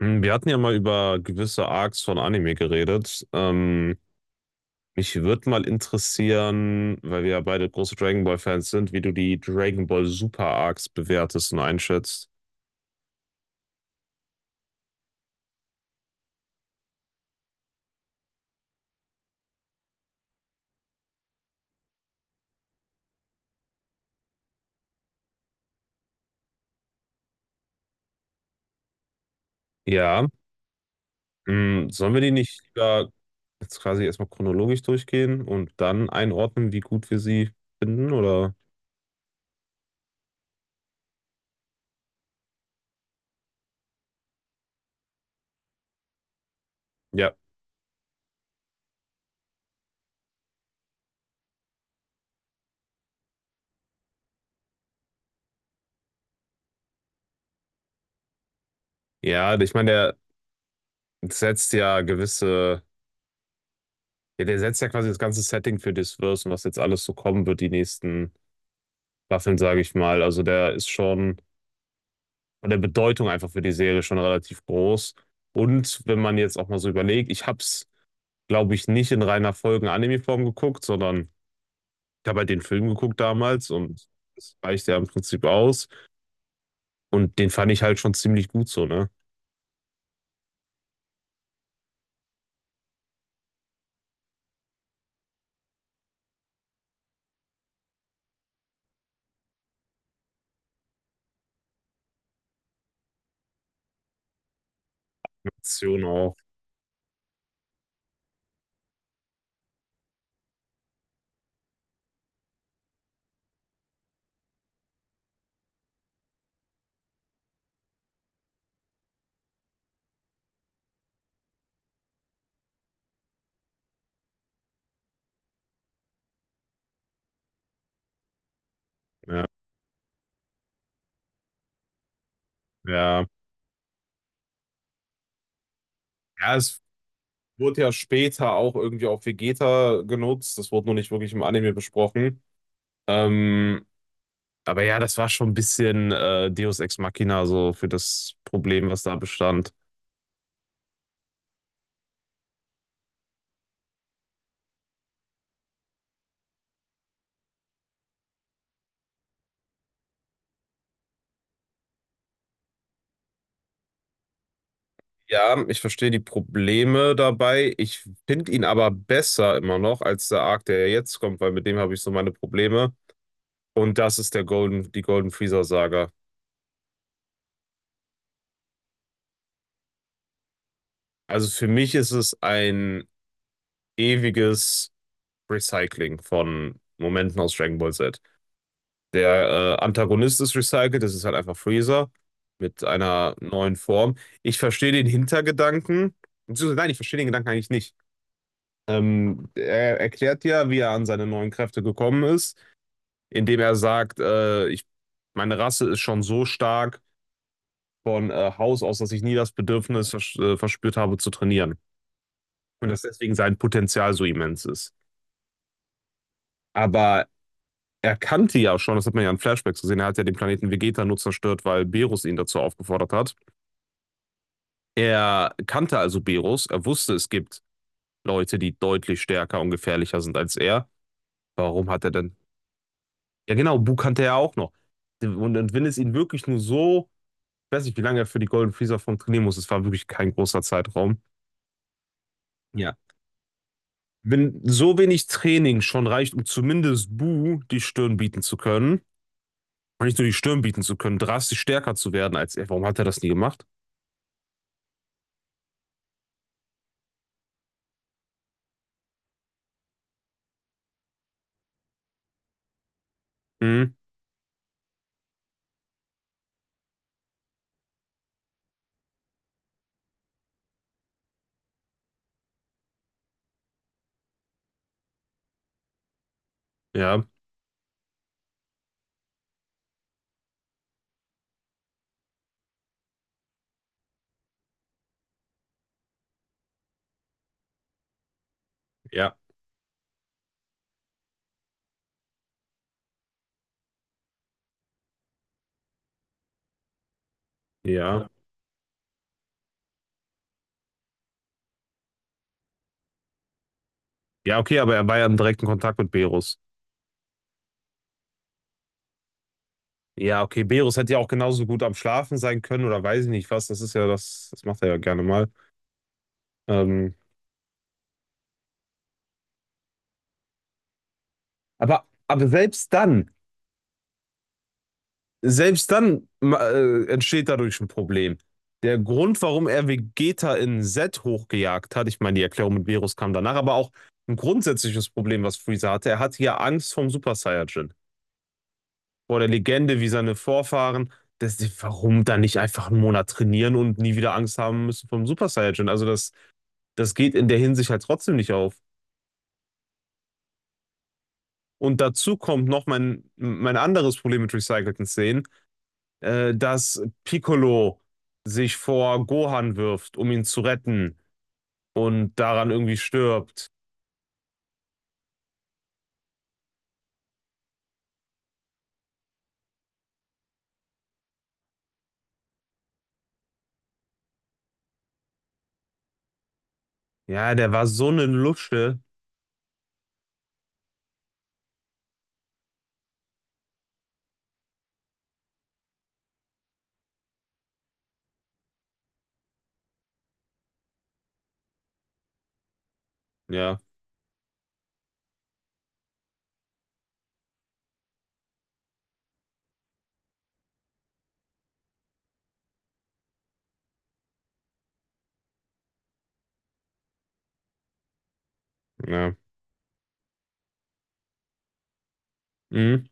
Wir hatten ja mal über gewisse Arcs von Anime geredet. Mich würde mal interessieren, weil wir ja beide große Dragon Ball Fans sind, wie du die Dragon Ball Super Arcs bewertest und einschätzt. Ja, sollen wir die nicht lieber jetzt quasi erstmal chronologisch durchgehen und dann einordnen, wie gut wir sie finden, oder? Ja. Ja, ich meine, setzt ja gewisse, ja, der setzt ja quasi das ganze Setting für das Verse und was jetzt alles so kommen wird, die nächsten Waffeln, sage ich mal. Also der ist schon von der Bedeutung einfach für die Serie schon relativ groß. Und wenn man jetzt auch mal so überlegt, ich habe es, glaube ich, nicht in reiner Folgen-Anime-Form geguckt, sondern ich habe halt den Film geguckt damals und das reicht ja im Prinzip aus. Und den fand ich halt schon ziemlich gut so, ne? Aktion auch. Ja, ja. Ja, es wurde ja später auch irgendwie auf Vegeta genutzt. Das wurde nur nicht wirklich im Anime besprochen. Ähm, aber ja, das war schon ein bisschen Deus Ex Machina so für das Problem, was da bestand. Ja, ich verstehe die Probleme dabei. Ich finde ihn aber besser immer noch als der Arc, der ja jetzt kommt, weil mit dem habe ich so meine Probleme. Und das ist der Golden, die Golden Freezer Saga. Also für mich ist es ein ewiges Recycling von Momenten aus Dragon Ball Z. Der Antagonist ist recycelt, das ist halt einfach Freezer mit einer neuen Form. Ich verstehe den Hintergedanken. Beziehungsweise, nein, ich verstehe den Gedanken eigentlich nicht. Er erklärt ja, wie er an seine neuen Kräfte gekommen ist, indem er sagt, meine Rasse ist schon so stark von Haus aus, dass ich nie das Bedürfnis verspürt habe zu trainieren. Und dass deswegen sein Potenzial so immens ist. Aber er kannte ja schon, das hat man ja in Flashbacks gesehen, er hat ja den Planeten Vegeta nur zerstört, weil Berus ihn dazu aufgefordert hat. Er kannte also Berus, er wusste, es gibt Leute, die deutlich stärker und gefährlicher sind als er. Warum hat er denn? Ja, genau, Bu kannte er auch noch. Und wenn es ihn wirklich nur so — ich weiß nicht, wie lange er für die Golden Freezer Form trainieren muss. Es war wirklich kein großer Zeitraum. Ja. Wenn so wenig Training schon reicht, um zumindest Bu die Stirn bieten zu können, und nicht nur die Stirn bieten zu können, drastisch stärker zu werden als er. Warum hat er das nie gemacht? Hm, ja, ja, ja. Ja, okay, aber er war ja im direkten Kontakt mit Berus. Ja, okay, Berus hätte ja auch genauso gut am Schlafen sein können oder weiß ich nicht was. Das ist ja das, das macht er ja gerne mal. Ähm, aber selbst dann. Selbst dann entsteht dadurch ein Problem. Der Grund, warum er Vegeta in Z hochgejagt hat, ich meine, die Erklärung mit Beerus kam danach, aber auch ein grundsätzliches Problem, was Freezer hatte. Er hatte ja Angst vom Super Saiyajin, vor der Legende wie seine Vorfahren. Warum dann nicht einfach einen Monat trainieren und nie wieder Angst haben müssen vom Super Saiyajin? Also das geht in der Hinsicht halt trotzdem nicht auf. Und dazu kommt noch mein anderes Problem mit recycelten Szenen. Dass Piccolo sich vor Gohan wirft, um ihn zu retten und daran irgendwie stirbt. Ja, der war so eine Lusche. Ja, ja. Mhm.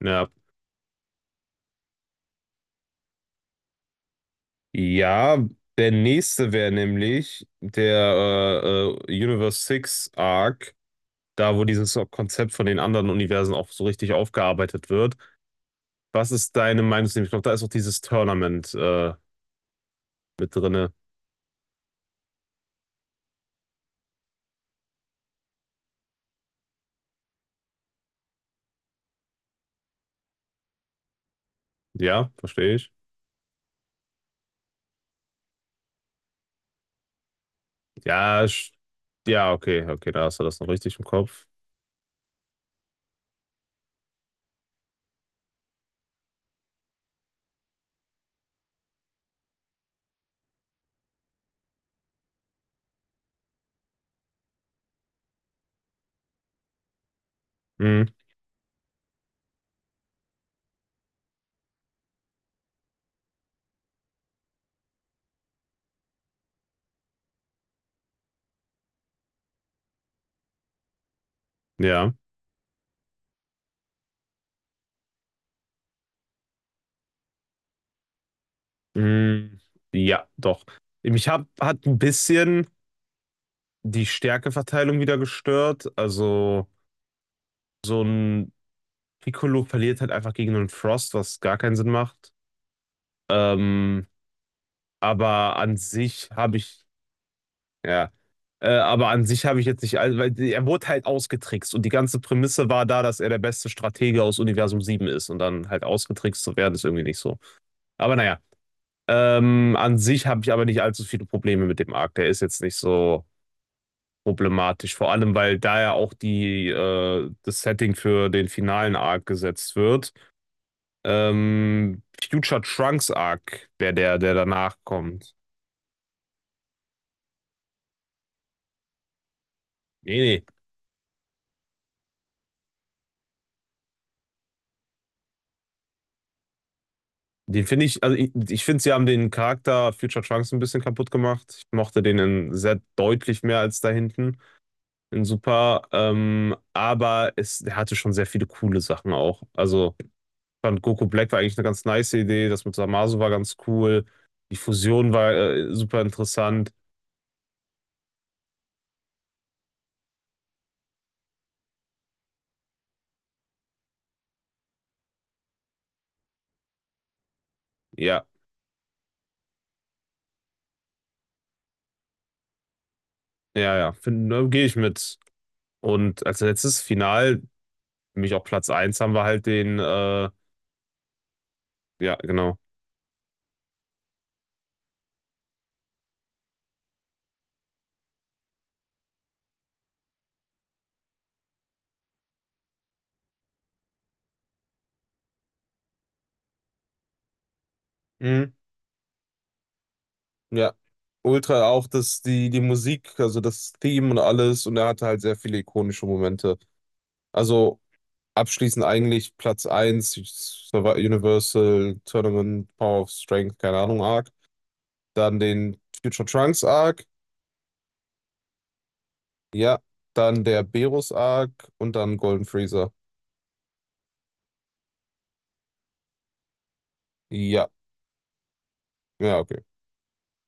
Ja. Ja, der nächste wäre nämlich der Universe 6 Arc, da wo dieses Konzept von den anderen Universen auch so richtig aufgearbeitet wird. Was ist deine Meinung? Ich glaube, da ist auch dieses Tournament mit drinne. Ja, verstehe ich. Ja, sch- ja, okay, okay, da hast du das noch richtig im Kopf. Mhm, ja, mhm, ja, doch. Mich hat ein bisschen die Stärkeverteilung wieder gestört. Also, so ein Piccolo verliert halt einfach gegen einen Frost, was gar keinen Sinn macht. Ähm, aber an sich habe ich, ja, aber an sich habe ich jetzt nicht, weil er wurde halt ausgetrickst und die ganze Prämisse war da, dass er der beste Stratege aus Universum 7 ist und dann halt ausgetrickst zu werden, ist irgendwie nicht so. Aber naja. An sich habe ich aber nicht allzu viele Probleme mit dem Arc. Der ist jetzt nicht so problematisch. Vor allem, weil da ja auch das Setting für den finalen Arc gesetzt wird. Ähm, Future Trunks Arc wäre der, der danach kommt. Nee, nee. Den finde ich, also ich finde, sie haben den Charakter Future Trunks ein bisschen kaputt gemacht. Ich mochte den in sehr deutlich mehr als da hinten in Super. Aber er hatte schon sehr viele coole Sachen auch. Also fand Goku Black war eigentlich eine ganz nice Idee. Das mit Zamasu war ganz cool. Die Fusion war super interessant. Ja, ja, ja. Ne, gehe ich mit. Und als letztes Final, für mich auch Platz eins, haben wir halt den, ja, genau. Mhm. Ja. Ultra auch, dass die Musik, also das Theme und alles, und er hatte halt sehr viele ikonische Momente. Also abschließend eigentlich Platz eins, Universal Tournament, Power of Strength, keine Ahnung, Arc. Dann den Future Trunks Arc, ja, dann der Berus Arc und dann Golden Freezer. Ja, ja, okay.